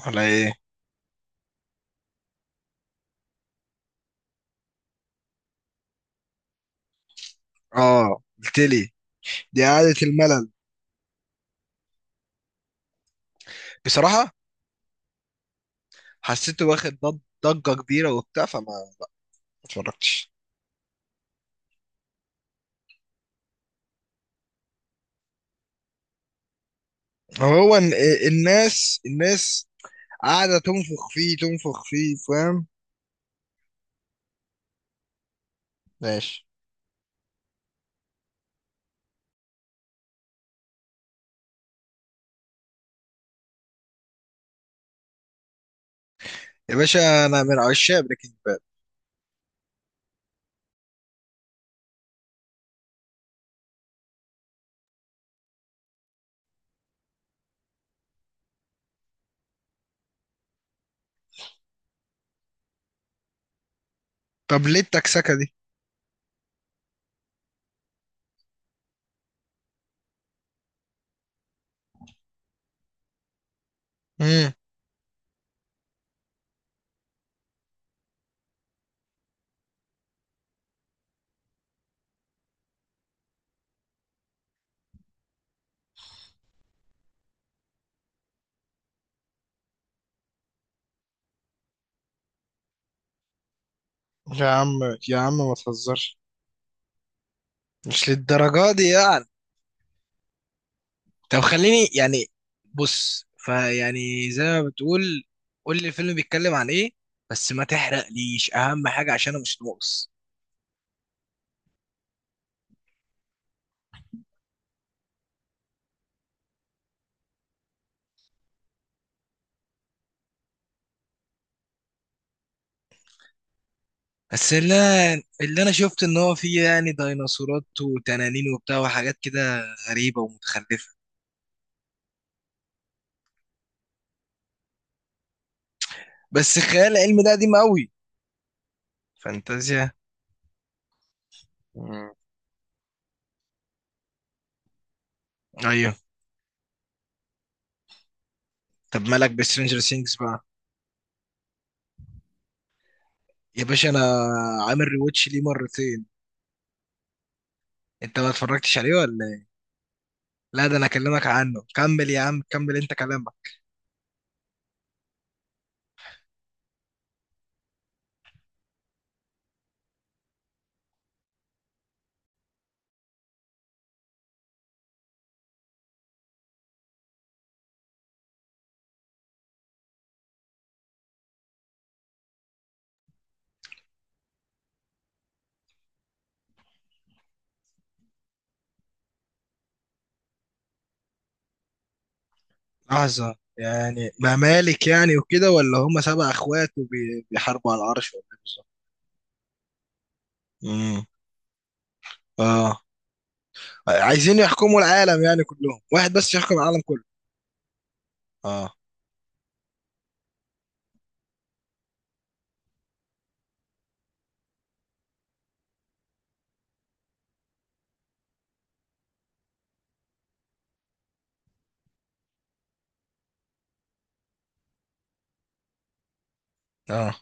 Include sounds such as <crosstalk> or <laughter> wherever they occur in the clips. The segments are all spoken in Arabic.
على ايه؟ اه، قلت لي. دي قعدة الملل. بصراحة حسيته واخد ضجة كبيرة وبتاع، فما ما اتفرجتش. هو إن- الناس قاعدة تنفخ فيه تنفخ فيه، فاهم؟ ماشي. يا باشا، انا من عشاق بريكنج باد. طب ليه التكسكة دي؟ امم. يا عم يا عم ما تهزرش، مش للدرجة دي يعني. طب خليني يعني، بص فيعني زي ما بتقول، قول لي الفيلم بيتكلم عن ايه، بس ما تحرقليش اهم حاجه عشان انا مش ناقص. بس اللي انا شفت ان هو فيه يعني ديناصورات وتنانين وبتاع وحاجات كده غريبه ومتخلفه. بس خيال علمي ده قديم قوي. فانتازيا. مم. ايوه. طب مالك بسترينجر سينجز بقى؟ يا باشا انا عامل ريواتش ليه مرتين. انت ما اتفرجتش عليه ولا ايه؟ لا ده انا اكلمك عنه. كمل يا عم، كمل انت كلامك. لحظة، يعني ممالك يعني وكده، ولا هم 7 اخوات وبيحاربوا على العرش، ولا ايه بالظبط؟ امم. اه، عايزين يحكموا العالم، يعني كلهم واحد بس يحكم العالم كله. اه. اه،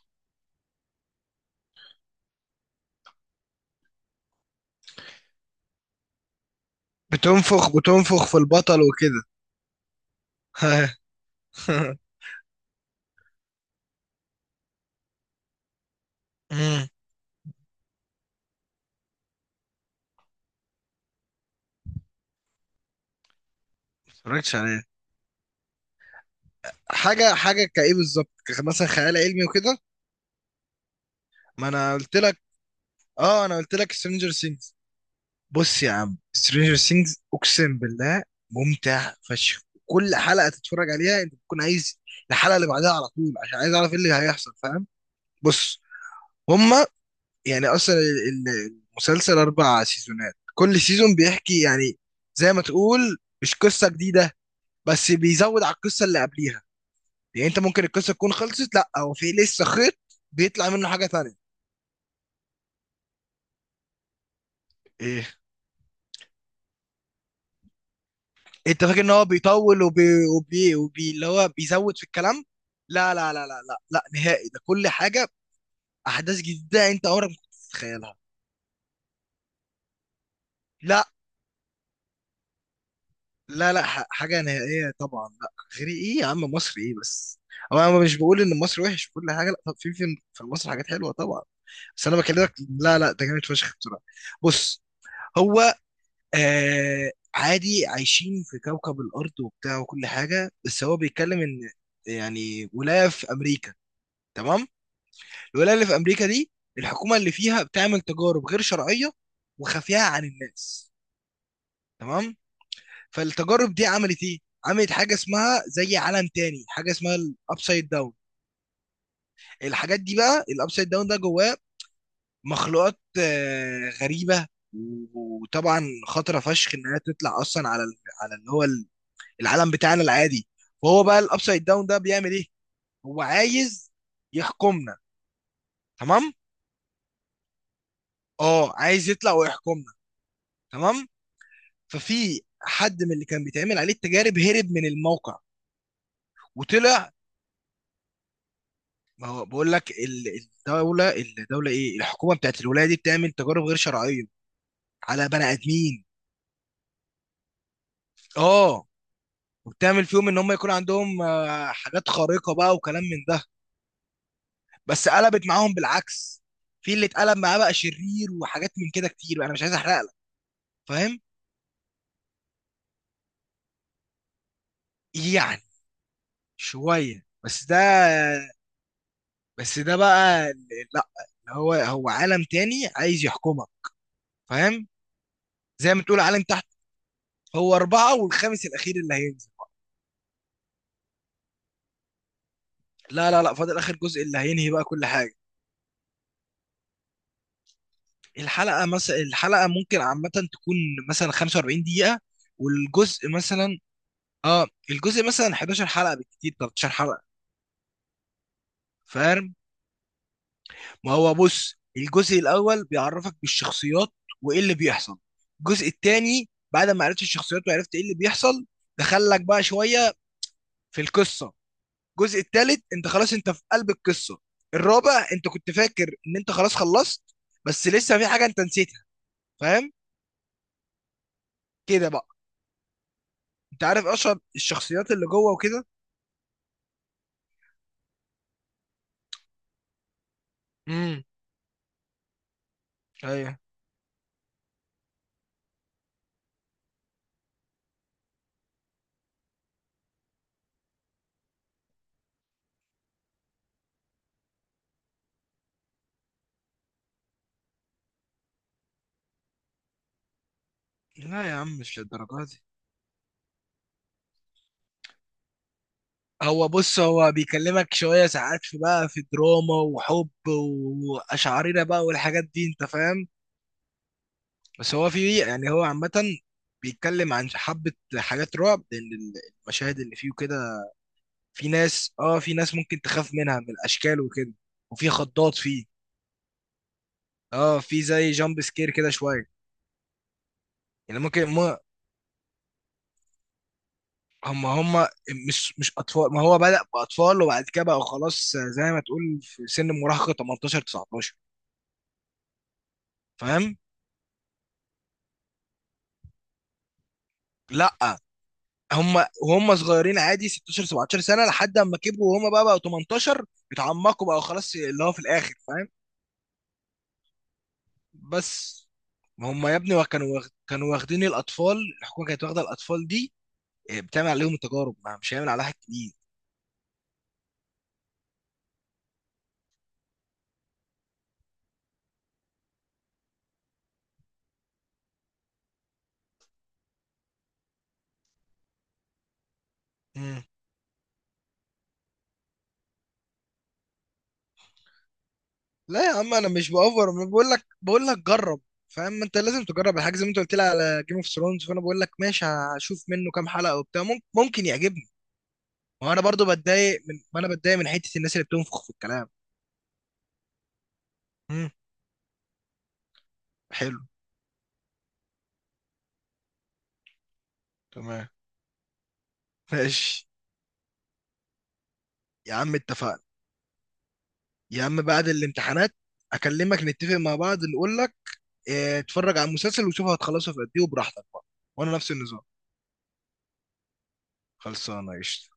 بتنفخ في البطل وكده. <laughs> امم. متفرجتش عليه. حاجة كايه بالظبط، مثلا خيال علمي وكده؟ ما انا قلت لك، اه انا قلت لك سترينجر. بص يا عم، سترينجر سينجز اقسم بالله ممتع فشخ. كل حلقه تتفرج عليها انت بتكون عايز الحلقه اللي بعدها على طول، عشان عايز اعرف ايه اللي هيحصل، فاهم؟ بص. هما يعني اصلا المسلسل 4 سيزونات، كل سيزون بيحكي يعني زي ما تقول مش قصه جديده، بس بيزود على القصه اللي قبليها. يعني انت ممكن القصه تكون خلصت، لا هو في لسه خيط بيطلع منه حاجه تانية. ايه، انت فاكر ان هو بيطول وبي اللي هو بيزود في الكلام؟ لا لا لا لا لا لا نهائي، ده كل حاجه احداث جديده انت عمرك ما كنت تتخيلها. لا لا لا، حاجه نهائيه طبعا لا. غير ايه يا عم، مصر ايه بس؟ انا مش بقول ان مصر وحش في كل حاجه، لا، طب في في مصر حاجات حلوه طبعا، بس انا بكلمك. لا لا، ده جامد فشخ بصراحه. بص، هو آه عادي عايشين في كوكب الارض وبتاع وكل حاجه، بس هو بيتكلم ان يعني ولايه في امريكا، تمام. الولايه اللي في امريكا دي الحكومه اللي فيها بتعمل تجارب غير شرعيه وخفيه عن الناس، تمام. فالتجارب دي عملت ايه؟ عملت حاجه اسمها زي عالم تاني، حاجه اسمها الابسايد داون. الحاجات دي بقى، الابسايد داون ده جواه مخلوقات غريبه وطبعا خطره فشخ انها تطلع اصلا على العالم بتاعنا العادي. فهو بقى الابسايد داون ده بيعمل ايه؟ هو عايز يحكمنا. تمام، اه عايز يطلع ويحكمنا. تمام. ففي حد من اللي كان بيتعمل عليه التجارب هرب من الموقع وطلع. ما هو بقول لك الدوله الحكومه بتاعت الولايه دي بتعمل تجارب غير شرعيه على بني ادمين. اه، وبتعمل فيهم ان هم يكون عندهم حاجات خارقه بقى وكلام من ده. بس قلبت معاهم بالعكس، في اللي اتقلب معاه بقى شرير وحاجات من كده كتير، انا مش عايز احرق لك. فاهم؟ يعني شويه بس ده. بس ده بقى ال- لا، هو عالم تاني عايز يحكمك، فاهم؟ زي ما تقول عالم تحت. هو أربعة والخامس الأخير اللي هينزل. لا لا لا، فاضل آخر جزء اللي هينهي بقى كل حاجة. الحلقة مثلا الحلقة ممكن عامة تكون مثلا 45 دقيقة. والجزء مثلا، اه الجزء مثلا 11 حلقة بالكتير، 13 حلقة، فاهم؟ ما هو بص، الجزء الأول بيعرفك بالشخصيات وإيه اللي بيحصل. الجزء التاني بعد ما عرفت الشخصيات وعرفت إيه اللي بيحصل دخلك بقى شوية في القصة. الجزء الثالث انت خلاص انت في قلب القصه. الرابع انت كنت فاكر ان انت خلاص خلصت، بس لسه في حاجه انت نسيتها، فاهم؟ كده بقى. انت عارف اشهر الشخصيات اللي جوه وكده. امم. ايوه. لا يا عم، مش للدرجه دي. هو بص، هو بيكلمك شويه ساعات، في بقى في دراما وحب واشعريره بقى والحاجات دي، انت فاهم. بس هو في يعني هو عامه بيتكلم عن حبه، حاجات رعب، لان المشاهد اللي فيه كده. في ناس، اه في ناس ممكن تخاف منها من الاشكال وكده، وفي خضات فيه. اه، في زي جامب سكير كده شويه. يعني ممكن ما. هم مش اطفال، ما هو بدأ باطفال وبعد كده بقى خلاص زي ما تقول في سن المراهقه 18، 19، فاهم؟ لا، هم وهم صغيرين عادي 16، 17 سنه، لحد اما كبروا وهم بقى بقوا 18، اتعمقوا بقى خلاص اللي هو في الاخر، فاهم؟ بس ما هم يا ابني كانوا واخدين الاطفال، الحكومه كانت واخده الاطفال دي بتعمل عليهم التجارب، ما مش هيعمل عليها حاجة جديد. مم. لا يا عم، انا مش باوفر. أنا بقول لك، جرب، فاهم؟ ما انت لازم تجرب الحاجه زي ما انت قلت لي على جيم اوف ثرونز، فانا بقول لك ماشي هشوف منه كام حلقه وبتاع، ممكن يعجبني. وانا برضو بتضايق ما انا بتضايق من حته الناس اللي بتنفخ في الكلام. مم. حلو. تمام. ماشي يا عم، اتفقنا. يا عم بعد الامتحانات اكلمك نتفق مع بعض نقول لك. اه، اتفرج على المسلسل وشوف هتخلصه في قد ايه وبراحتك بقى. وانا نفس النظام. خلصانه قشطه.